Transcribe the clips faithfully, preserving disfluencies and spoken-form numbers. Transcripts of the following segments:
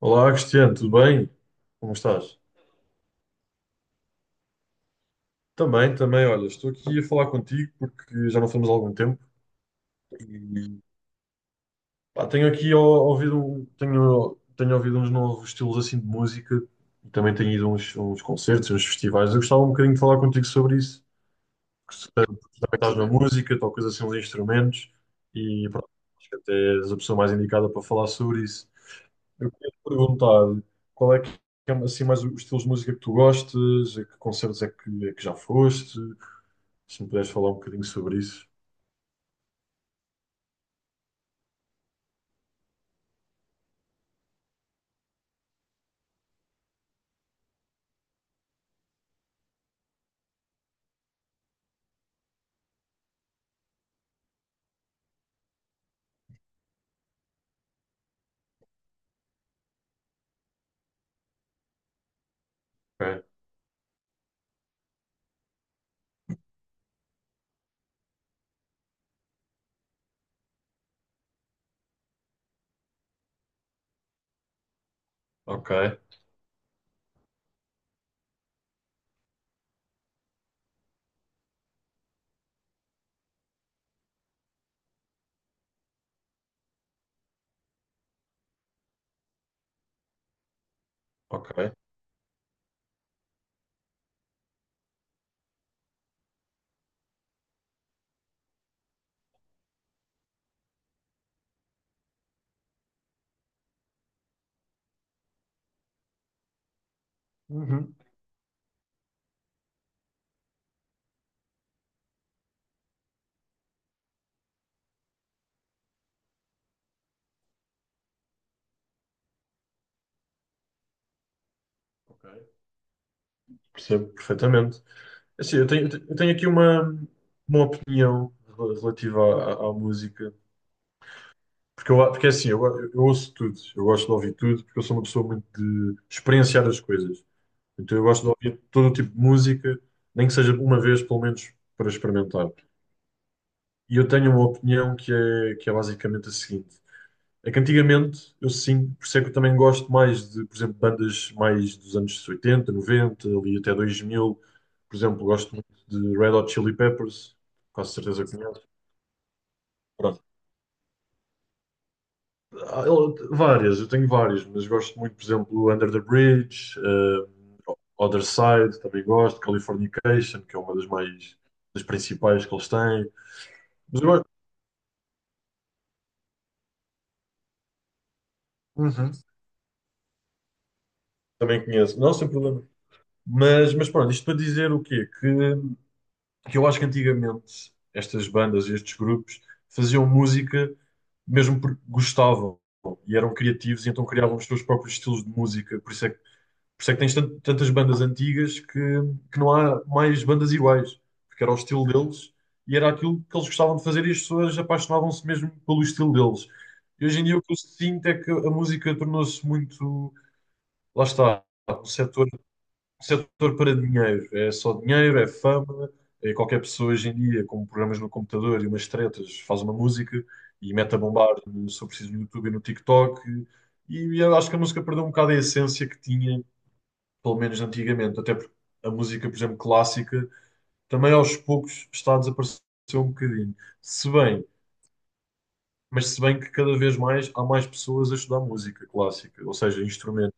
Olá, Cristiano, tudo bem? Como estás? Também, também, olha, estou aqui a falar contigo porque já não falamos há algum tempo e pá, tenho aqui ó, ouvido, um- tenho, tenho ouvido uns novos estilos assim de música e também tenho ido a uns, uns concertos, uns festivais. Eu gostava um bocadinho de falar contigo sobre isso. que se- porque também estás na música, tocas assim uns instrumentos e pronto, acho que até és a pessoa mais indicada para falar sobre isso. Eu queria te perguntar qual é que é assim, mais os estilos de música que tu gostas, a que concertos é que, é que já foste, se me puderes falar um bocadinho sobre isso. Ok, ok, ok. Uhum. Ok. Percebo perfeitamente. Assim, eu tenho, eu tenho aqui uma, uma, opinião rel- relativa à, à- à música. Porque, eu, porque é assim, eu, eu ouço tudo, eu gosto de ouvir tudo, porque eu sou uma pessoa muito de experienciar as coisas. Então eu gosto de ouvir todo o tipo de música, nem que seja uma vez, pelo menos, para experimentar. E eu tenho uma opinião que é, que é basicamente a seguinte: é que antigamente eu sim, por isso é que eu também gosto mais de, por exemplo, bandas mais dos anos oitenta, noventa, ali até dois mil. Por exemplo, gosto muito de Red Hot Chili Peppers, quase certeza que conheço. Ah, eu- Várias, eu tenho várias, mas gosto muito, por exemplo, Under the Bridge, eh, Other Side, também gosto, Californication, que é uma das mais das principais que eles têm. Mas eu gosto- Uhum. Também conheço, não, sem problema. Mas, mas pronto, isto para dizer o quê? Que, que eu acho que antigamente estas bandas e estes grupos faziam música mesmo porque gostavam e eram criativos e então criavam os seus próprios estilos de música, por isso é que Por isso é que tens tan- tantas bandas antigas que, que não há mais bandas iguais, porque era o estilo deles e era aquilo que eles gostavam de fazer e as pessoas apaixonavam-se mesmo pelo estilo deles. E hoje em dia o que eu sinto é que a música tornou-se muito, lá está, um setor, um setor para dinheiro. É só dinheiro, é fama, é qualquer pessoa hoje em dia com programas no computador e umas tretas faz uma música e mete a bombar, se eu preciso, no YouTube e no TikTok. E eu acho que a música perdeu um bocado a essência que tinha pelo menos antigamente, até porque a música, por exemplo, clássica, também aos poucos está a desaparecer um bocadinho. Se bem, mas se bem que cada vez mais há mais pessoas a estudar música clássica, ou seja, instrumentos.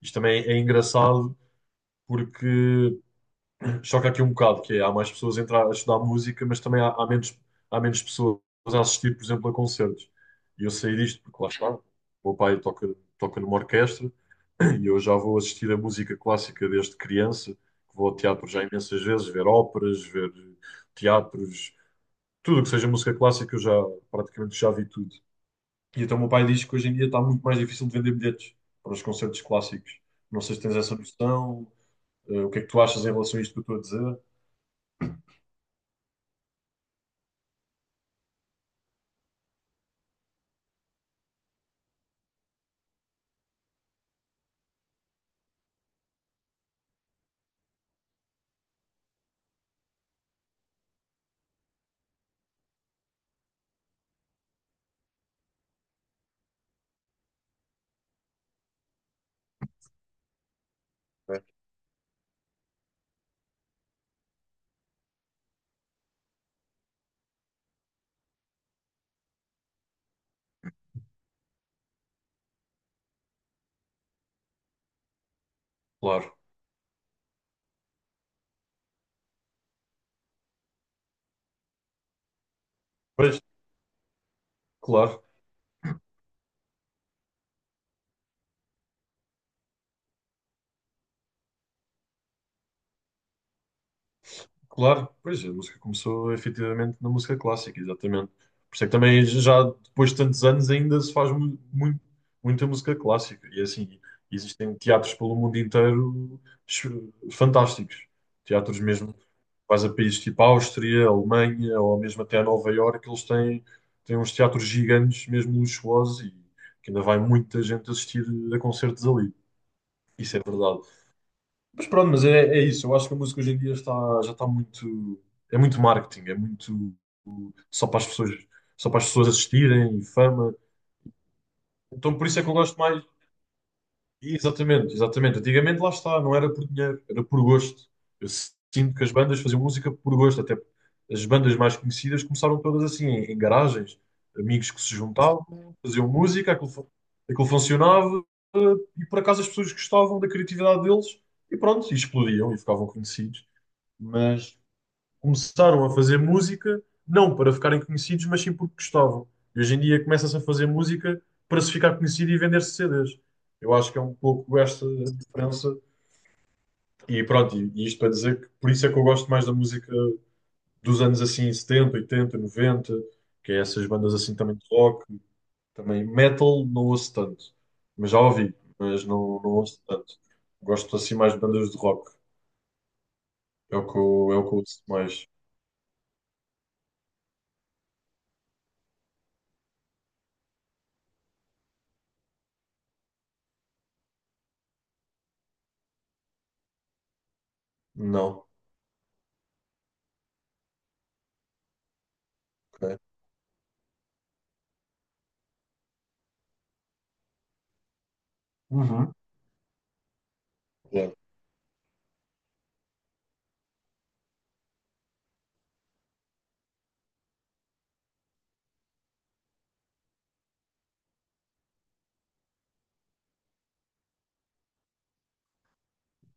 Isto também é engraçado porque choca aqui um bocado, que é, há mais pessoas a entrar a estudar música, mas também há, há menos, há menos pessoas a assistir, por exemplo, a concertos. E eu sei disto porque lá está, o meu pai toca, toca, numa orquestra. E eu já vou assistir a música clássica desde criança, que vou ao teatro já imensas vezes, ver óperas, ver teatros, tudo o que seja música clássica, eu já praticamente já vi tudo. E então o meu pai diz que hoje em dia está muito mais difícil de vender bilhetes para os concertos clássicos. Não sei se tens essa noção, eh, o que é que tu achas em relação a isto que eu estou a dizer? É. Claro. Pois, claro. Claro, pois a música começou efetivamente na música clássica, exatamente. Por isso é que também já depois de tantos anos ainda se faz mu- muito, muita música clássica. E é assim, existem teatros pelo mundo inteiro ch- fantásticos. Teatros mesmo, vais a países tipo Áustria, Alemanha ou mesmo até a Nova Iorque, eles têm, têm uns teatros gigantes, mesmo luxuosos, e que ainda vai muita gente assistir a concertos ali. Isso é verdade. Mas pronto, mas é, é isso. Eu acho que a música hoje em dia está, já está muito. É muito marketing, é muito só para as pessoas, só para as pessoas assistirem e fama. Então por isso é que eu gosto mais. Exatamente, exatamente. Antigamente lá está, não era por dinheiro, era por gosto. Eu sinto que as bandas faziam música por gosto. Até as bandas mais conhecidas começaram todas assim, em, em garagens, amigos que se juntavam, faziam música, aquilo, fu- aquilo funcionava, eh, e por acaso as pessoas gostavam da criatividade deles e pronto, e explodiam e ficavam conhecidos, mas começaram a fazer música não para ficarem conhecidos, mas sim porque gostavam. E hoje em dia começa-se a fazer música para se ficar conhecido e vender-se C Ds. Eu acho que é um pouco esta a diferença. E pronto, e e isto para dizer que por isso é que eu gosto mais da música dos anos assim setenta oitenta noventa, que é essas bandas assim também de rock. Também metal não ouço tanto, mas já ouvi, mas não, não ouço tanto. Gosto assim mais de bandas de rock. É o que eu, é o que eu ouço mais. Não. Ok. Uhum. Yeah.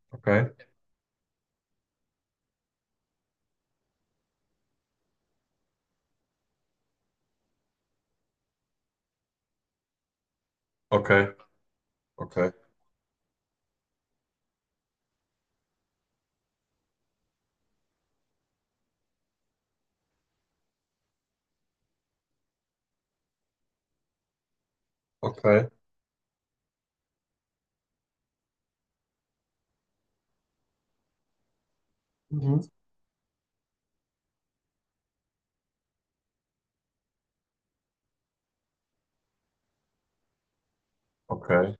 Ok, ok, ok, ok, Uhum. Ok.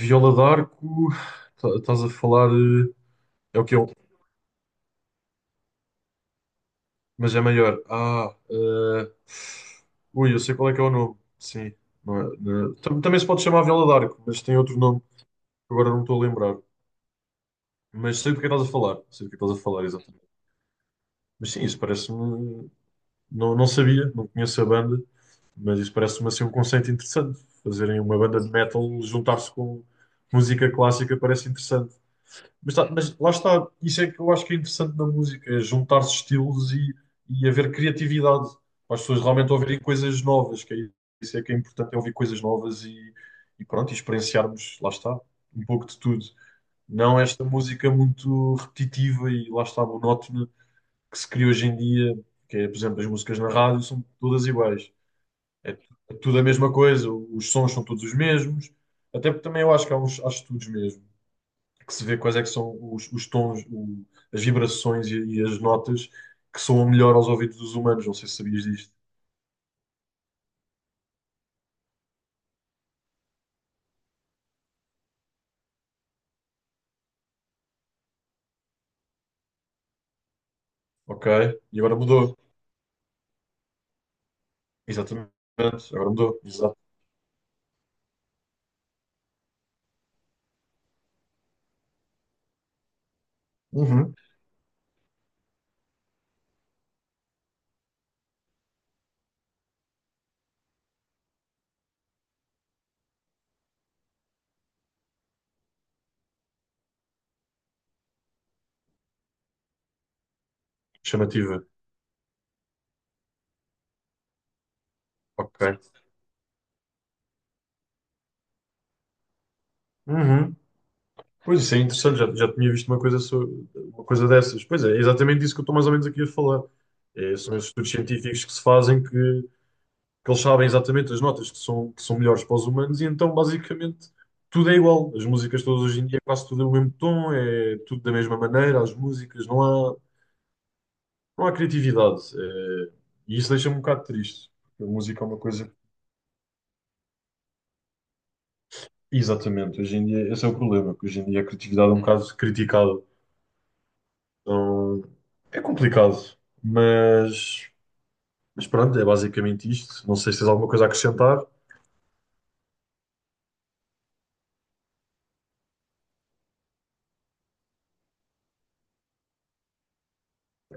Viola d'Arco, tá- estás a falar. eh, É o que eu. Mas é maior. Ah, eh, ui, eu sei qual é que é o nome. Sim. não é- não é- Tam- Também se pode chamar Viola d'Arco, mas tem outro nome que agora não me estou a lembrar. Mas sei do que é que estás a falar. Sei do que é que estás a falar, exatamente. Mas sim, isso parece-me. Não, não sabia, não conheço a banda, mas isso parece-me assim um conceito interessante. Fazerem uma banda de metal, juntar-se com música clássica parece interessante. Mas, tá- mas lá está, isso é que eu acho que é interessante na música, é juntar-se estilos e, e haver criatividade, para as pessoas realmente ouvirem coisas novas, que é isso é que é importante, é ouvir coisas novas e, e pronto, e experienciarmos, lá está, um pouco de tudo. Não esta música muito repetitiva e lá está, monótona, que se cria hoje em dia, que é, por exemplo, as músicas na rádio são todas iguais. É, tu- é tudo a mesma coisa, os sons são todos os mesmos. Até porque também eu acho que há uns há estudos mesmo, que se vê quais é que são os, os tons, o- as vibrações e, e as notas que soam melhor aos ouvidos dos humanos. Não sei se sabias disto. Ok? E agora mudou. Exatamente. Agora mudou. Exato. Uhum. Chamativa. Ok. Uhum. Pois isso é interessante, já, já tinha visto uma coisa, so- uma coisa dessas. Pois é, é exatamente isso que eu estou mais ou menos aqui a falar. É, são esses estudos científicos que se fazem que, que eles sabem exatamente as notas que são, que são melhores para os humanos e então basicamente tudo é igual. As músicas todas hoje em dia quase tudo é o mesmo tom, é tudo da mesma maneira, as músicas, não há, não há criatividade. É, e isso deixa-me um bocado triste, porque a música é uma coisa. Exatamente, hoje em dia esse é o problema, que hoje em dia a criatividade é um bocado criticada. Então, é complicado, mas, mas pronto, é basicamente isto. Não sei se tens alguma coisa a acrescentar.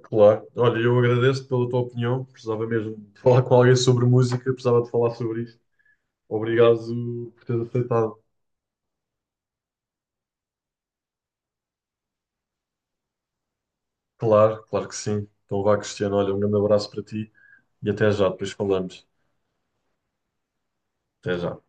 Claro. Olha, eu agradeço pela tua opinião. Precisava mesmo de falar com alguém sobre música, precisava de falar sobre isto. Obrigado por teres aceitado. Claro, claro que sim. Então vá, Cristiano, olha, um grande abraço para ti e até já, depois falamos. Até já.